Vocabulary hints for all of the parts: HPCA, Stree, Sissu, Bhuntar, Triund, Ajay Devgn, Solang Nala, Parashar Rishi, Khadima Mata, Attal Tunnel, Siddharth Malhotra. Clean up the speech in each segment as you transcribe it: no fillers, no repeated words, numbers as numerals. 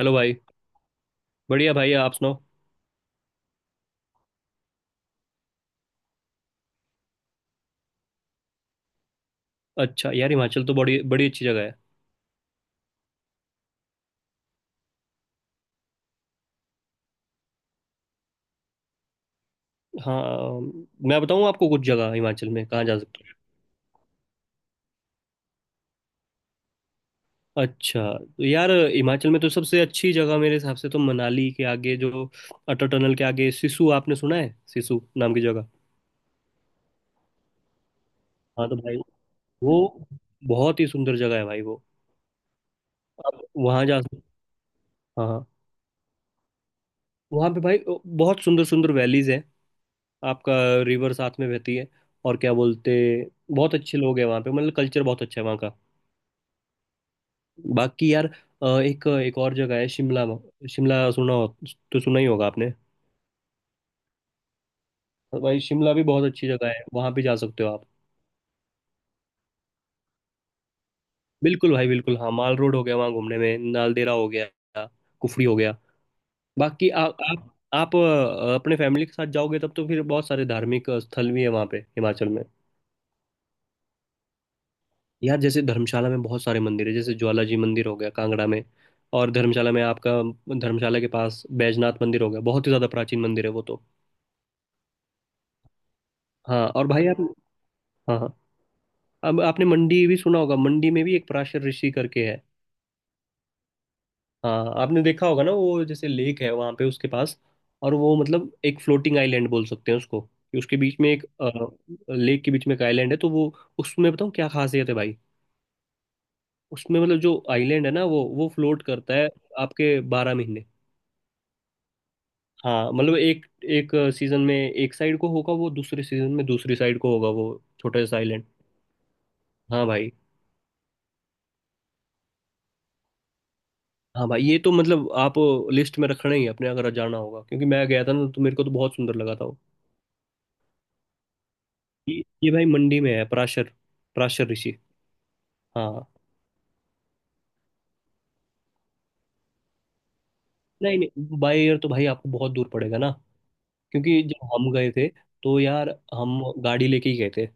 Hello भाई। बढ़िया भाई, आप सुनाओ। अच्छा यार, हिमाचल तो बड़ी बड़ी अच्छी जगह है। हाँ, मैं बताऊँ आपको कुछ जगह हिमाचल में कहाँ जा सकते हो। अच्छा तो यार, हिमाचल में तो सबसे अच्छी जगह मेरे हिसाब से तो मनाली के आगे जो अटल टनल के आगे सिसु, आपने सुना है सिसु नाम की जगह? हाँ तो भाई वो बहुत ही सुंदर जगह है भाई वो। आप वहाँ जा सकते। हाँ हाँ। वहाँ पे भाई बहुत सुंदर सुंदर वैलीज हैं। आपका रिवर साथ में बहती है। और क्या बोलते, बहुत अच्छे लोग हैं वहाँ पे, मतलब कल्चर बहुत अच्छा है वहाँ का। बाकी यार, एक एक और जगह है शिमला। शिमला सुना हो, तो सुना ही होगा आपने। भाई शिमला भी बहुत अच्छी जगह है, वहां भी जा सकते हो आप। बिल्कुल भाई बिल्कुल। हाँ, माल रोड हो गया, वहाँ घूमने में नालदेहरा हो गया, कुफरी हो गया। बाकी आप अपने फैमिली के साथ जाओगे तब तो फिर बहुत सारे धार्मिक स्थल भी है वहाँ पे हिमाचल में। यार जैसे धर्मशाला में बहुत सारे मंदिर है, जैसे ज्वाला जी मंदिर हो गया कांगड़ा में। और धर्मशाला में आपका, धर्मशाला के पास बैजनाथ मंदिर हो गया, बहुत ही ज्यादा प्राचीन मंदिर है वो तो। हाँ, और भाई आप। हाँ हाँ। अब आपने मंडी भी सुना होगा, मंडी में भी एक पराशर ऋषि करके है। हाँ आपने देखा होगा ना, वो जैसे लेक है वहाँ पे उसके पास। और वो मतलब एक फ्लोटिंग आइलैंड बोल सकते हैं उसको, कि उसके बीच में एक, लेक के बीच में एक आइलैंड है तो वो। उसमें बताऊँ क्या खासियत है भाई? उसमें मतलब जो आइलैंड है ना, वो फ्लोट करता है। आपके 12 महीने। हाँ मतलब एक एक सीजन में एक साइड को होगा वो, दूसरे सीजन में दूसरी साइड को होगा वो छोटा सा आइलैंड। हाँ भाई। हाँ भाई, ये तो मतलब आप लिस्ट में रखना ही है अपने अगर जाना होगा, क्योंकि मैं गया था ना तो मेरे को तो बहुत सुंदर लगा था वो। ये ये भाई मंडी में है पराशर। पराशर ऋषि। हाँ। नहीं नहीं, बाय एयर तो भाई आपको बहुत दूर पड़ेगा ना। क्योंकि जब हम गए थे तो यार हम गाड़ी लेके ही गए थे।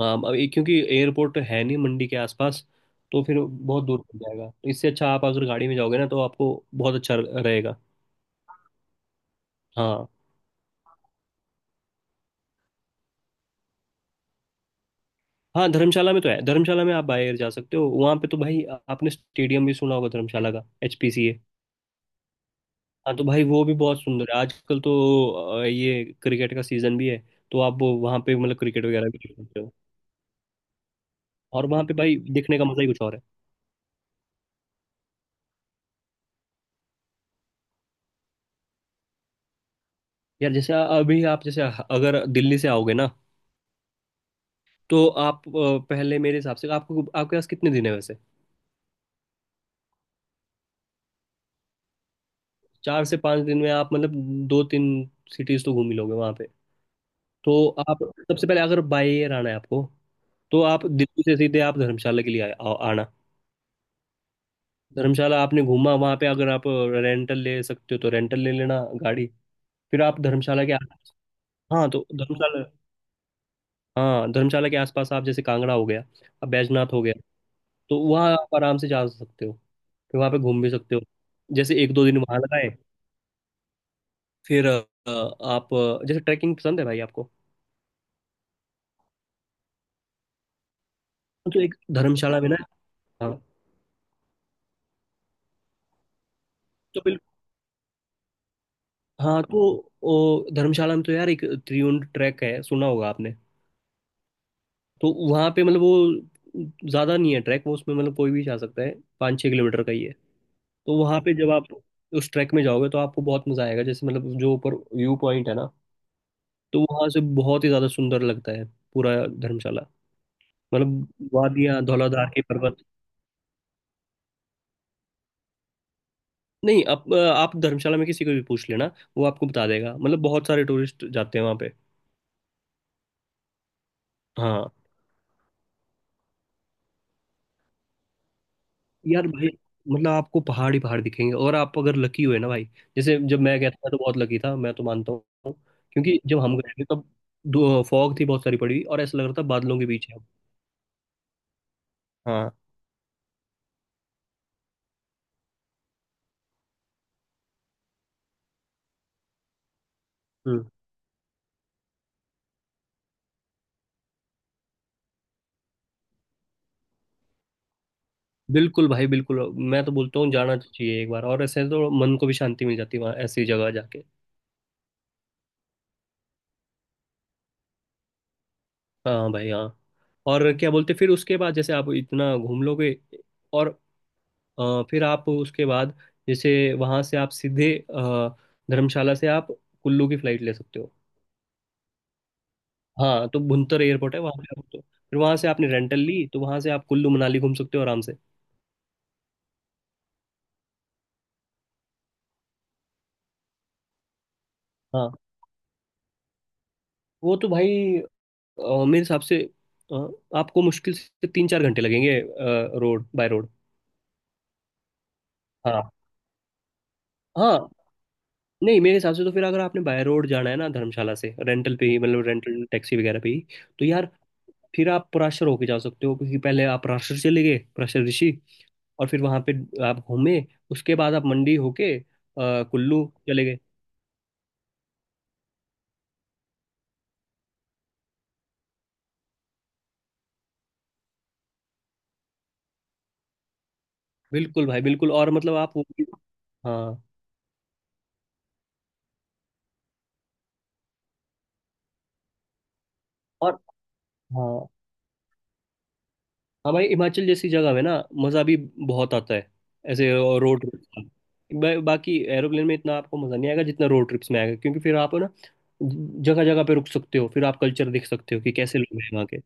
हाँ, अब क्योंकि एयरपोर्ट है नहीं मंडी के आसपास, तो फिर बहुत दूर पड़ जाएगा, तो इससे अच्छा आप अगर गाड़ी में जाओगे ना तो आपको बहुत अच्छा रहेगा। हाँ। हाँ, धर्मशाला में तो है, धर्मशाला में आप बाहर जा सकते हो वहाँ पे तो भाई। आपने स्टेडियम भी सुना होगा धर्मशाला का, एचपीसीए। हाँ तो भाई वो भी बहुत सुंदर है आजकल तो। ये क्रिकेट का सीजन भी है, तो आप वो वहाँ पे मतलब क्रिकेट वगैरह भी देख सकते हो। और वहाँ पे भाई देखने का मजा ही कुछ और है। यार जैसे, अभी आप जैसे अगर दिल्ली से आओगे ना, तो आप पहले मेरे हिसाब से, आपको, आपके पास कितने दिन है वैसे? 4 से 5 दिन में आप मतलब 2-3 सिटीज तो घूम ही लोगे वहाँ पे। तो आप सबसे पहले अगर बाय एयर आना है आपको, तो आप दिल्ली से सीधे आप धर्मशाला के लिए आ, आ- आना। धर्मशाला आपने घूमा वहां पे, अगर आप रेंटल ले सकते हो तो रेंटल ले लेना गाड़ी। फिर आप धर्मशाला के आस। हाँ तो धर्मशाला। हाँ, धर्मशाला के आसपास आप, जैसे कांगड़ा हो गया, अब बैजनाथ हो गया, तो वहाँ आप आराम से जा सकते हो, फिर वहाँ पे घूम भी सकते हो। जैसे 1-2 दिन वहाँ लगाए। फिर आप जैसे ट्रैकिंग पसंद है भाई आपको? तो एक धर्मशाला में ना। हाँ तो, हाँ तो धर्मशाला में तो यार एक त्रिउंड ट्रैक है, सुना होगा आपने। तो वहाँ पे मतलब वो ज़्यादा नहीं है ट्रैक, वो उसमें मतलब कोई भी जा सकता है, 5-6 किलोमीटर का ही है। तो वहाँ पे जब आप उस ट्रैक में जाओगे तो आपको बहुत मज़ा आएगा, जैसे मतलब जो ऊपर व्यू पॉइंट है ना, तो वहाँ से बहुत ही ज़्यादा सुंदर लगता है पूरा धर्मशाला, मतलब वादियाँ, धौलाधार के पर्वत। नहीं, आप, आप धर्मशाला में किसी को भी पूछ लेना, वो आपको बता देगा, मतलब बहुत सारे टूरिस्ट जाते हैं वहाँ पे। हाँ यार भाई, मतलब आपको पहाड़ ही पहाड़ दिखेंगे, और आप अगर लकी हुए ना भाई, जैसे जब मैं गया था, मैं तो बहुत लकी था मैं तो मानता हूँ। क्योंकि जब हम गए थे तब दो फॉग थी बहुत सारी पड़ी हुई और ऐसा लग रहा था बादलों के बीच है हम। हाँ। हम्म बिल्कुल भाई बिल्कुल। मैं तो बोलता हूँ जाना चाहिए एक बार, और ऐसे तो मन को भी शांति मिल जाती है वहाँ ऐसी जगह जाके। हाँ भाई हाँ। और क्या बोलते, फिर उसके बाद जैसे आप इतना घूम लोगे, और फिर आप उसके बाद, जैसे वहाँ से आप सीधे धर्मशाला से आप कुल्लू की फ्लाइट ले सकते हो। हाँ तो भुंतर एयरपोर्ट है वहां पे आप, तो फिर वहां से आपने रेंटल ली तो वहां से आप कुल्लू मनाली घूम सकते हो आराम से। हाँ, वो तो भाई मेरे हिसाब से अ, आपको मुश्किल से 3-4 घंटे लगेंगे, रोड बाय रोड। हाँ। हाँ, नहीं मेरे हिसाब से तो फिर अगर आपने बाय रोड जाना है ना धर्मशाला से, रेंटल पे ही मतलब रेंटल टैक्सी वगैरह पे ही, तो यार फिर आप पराशर होके जा सकते हो, क्योंकि पहले आप पराशर चले गए, पराशर ऋषि, और फिर वहां पे आप घूमे, उसके बाद आप मंडी होके कुल्लू चले गए। बिल्कुल भाई बिल्कुल, और मतलब हाँ। और। हाँ हाँ भाई, हिमाचल जैसी जगह में ना मज़ा भी बहुत आता है ऐसे रोड ट्रिप का। बाकी एरोप्लेन में इतना आपको मज़ा नहीं आएगा जितना रोड ट्रिप्स में आएगा, क्योंकि फिर आप ना जगह जगह पे रुक सकते हो, फिर आप कल्चर देख सकते हो कि कैसे लोग हैं वहाँ के।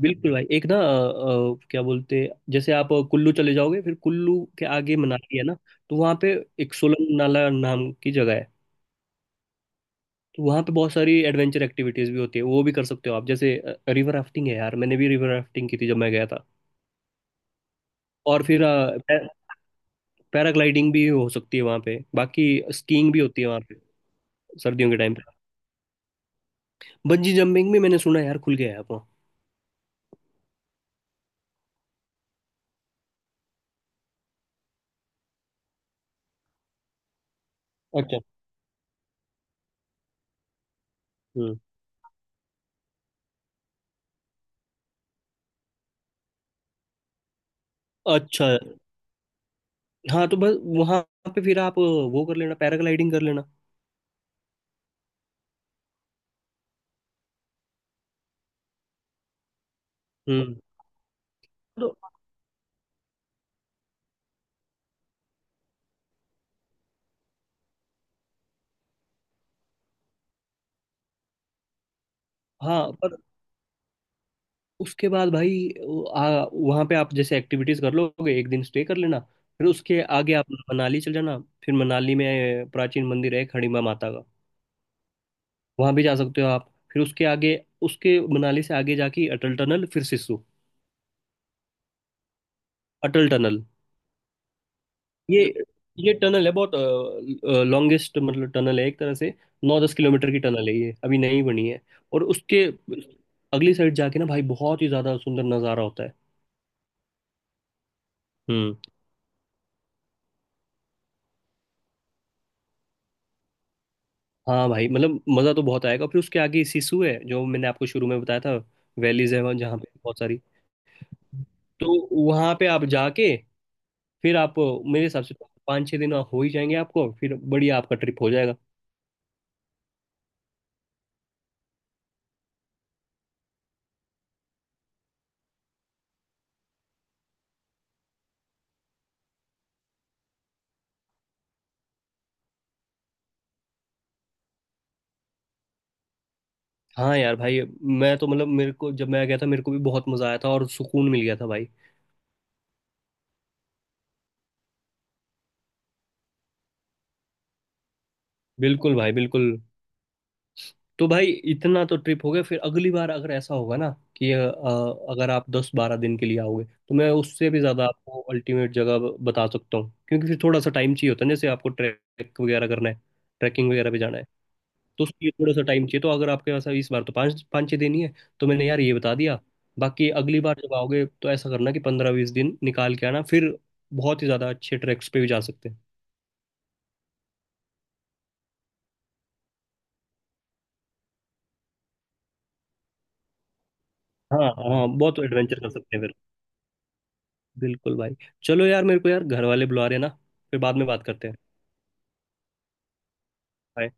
बिल्कुल भाई, एक ना क्या बोलते हैं, जैसे आप कुल्लू चले जाओगे फिर कुल्लू के आगे मनाली है ना, तो वहाँ पे एक सोलंग नाला नाम की जगह है, तो वहाँ पे बहुत सारी एडवेंचर एक्टिविटीज भी होती है, वो भी कर सकते हो आप, जैसे रिवर राफ्टिंग है यार। मैंने भी रिवर राफ्टिंग की थी जब मैं गया था। और फिर पैराग्लाइडिंग भी हो सकती है वहाँ पे, बाकी स्कीइंग भी होती है वहाँ पे सर्दियों के टाइम पे। बंजी जंपिंग भी मैंने सुना है यार, खुल गया है अब वहाँ। अच्छा। हम्म। अच्छा। हाँ तो बस वहाँ पे फिर आप वो कर लेना, पैराग्लाइडिंग कर लेना। हम्म। तो, हाँ पर उसके बाद भाई वहाँ पे आप जैसे एक्टिविटीज कर लोगे, एक दिन स्टे कर लेना, फिर उसके आगे आप मनाली चल जाना, फिर मनाली में प्राचीन मंदिर है खड़ीमा माता का। वहाँ भी जा सकते हो आप, फिर उसके आगे, उसके मनाली से आगे जाके अटल टनल फिर सिस्सू। अटल टनल। ये ये टनल है बहुत, लॉन्गेस्ट मतलब टनल है एक तरह से, 9-10 किलोमीटर की टनल है, ये अभी नई बनी है। और उसके अगली साइड जाके ना भाई, बहुत ही ज्यादा सुंदर नज़ारा होता है। हम्म। हाँ भाई मतलब मज़ा तो बहुत आएगा, फिर उसके आगे सिसु है जो मैंने आपको शुरू में बताया था, वैलीज है जहाँ पे बहुत सारी। तो वहाँ पे आप जाके फिर आप, मेरे हिसाब से तो 5-6 दिन हो ही जाएंगे आपको, फिर बढ़िया आपका ट्रिप हो जाएगा। हाँ यार भाई, मैं तो मतलब, मेरे को जब मैं गया था मेरे को भी बहुत मज़ा आया था और सुकून मिल गया था भाई। बिल्कुल भाई बिल्कुल। तो भाई इतना तो ट्रिप हो गया, फिर अगली बार अगर ऐसा होगा ना कि अगर आप 10-12 दिन के लिए आओगे, तो मैं उससे भी ज़्यादा आपको अल्टीमेट जगह बता सकता हूँ, क्योंकि फिर थोड़ा सा टाइम चाहिए होता है ना, जैसे आपको ट्रैक वगैरह करना है, ट्रैकिंग वगैरह पे जाना है, तो उसके लिए थोड़ा सा टाइम चाहिए। तो अगर आपके पास इस बार तो पाँच पाँच छः दिन ही है, तो मैंने यार ये बता दिया। बाकी अगली बार जब आओगे तो ऐसा करना कि 15-20 दिन निकाल के आना, फिर बहुत ही ज़्यादा अच्छे ट्रैक्स पे भी जा सकते हैं। हाँ हाँ, बहुत एडवेंचर कर सकते हैं फिर। बिल्कुल भाई। चलो यार, मेरे को यार घर वाले बुला रहे हैं ना, फिर बाद में बात करते हैं। Bye.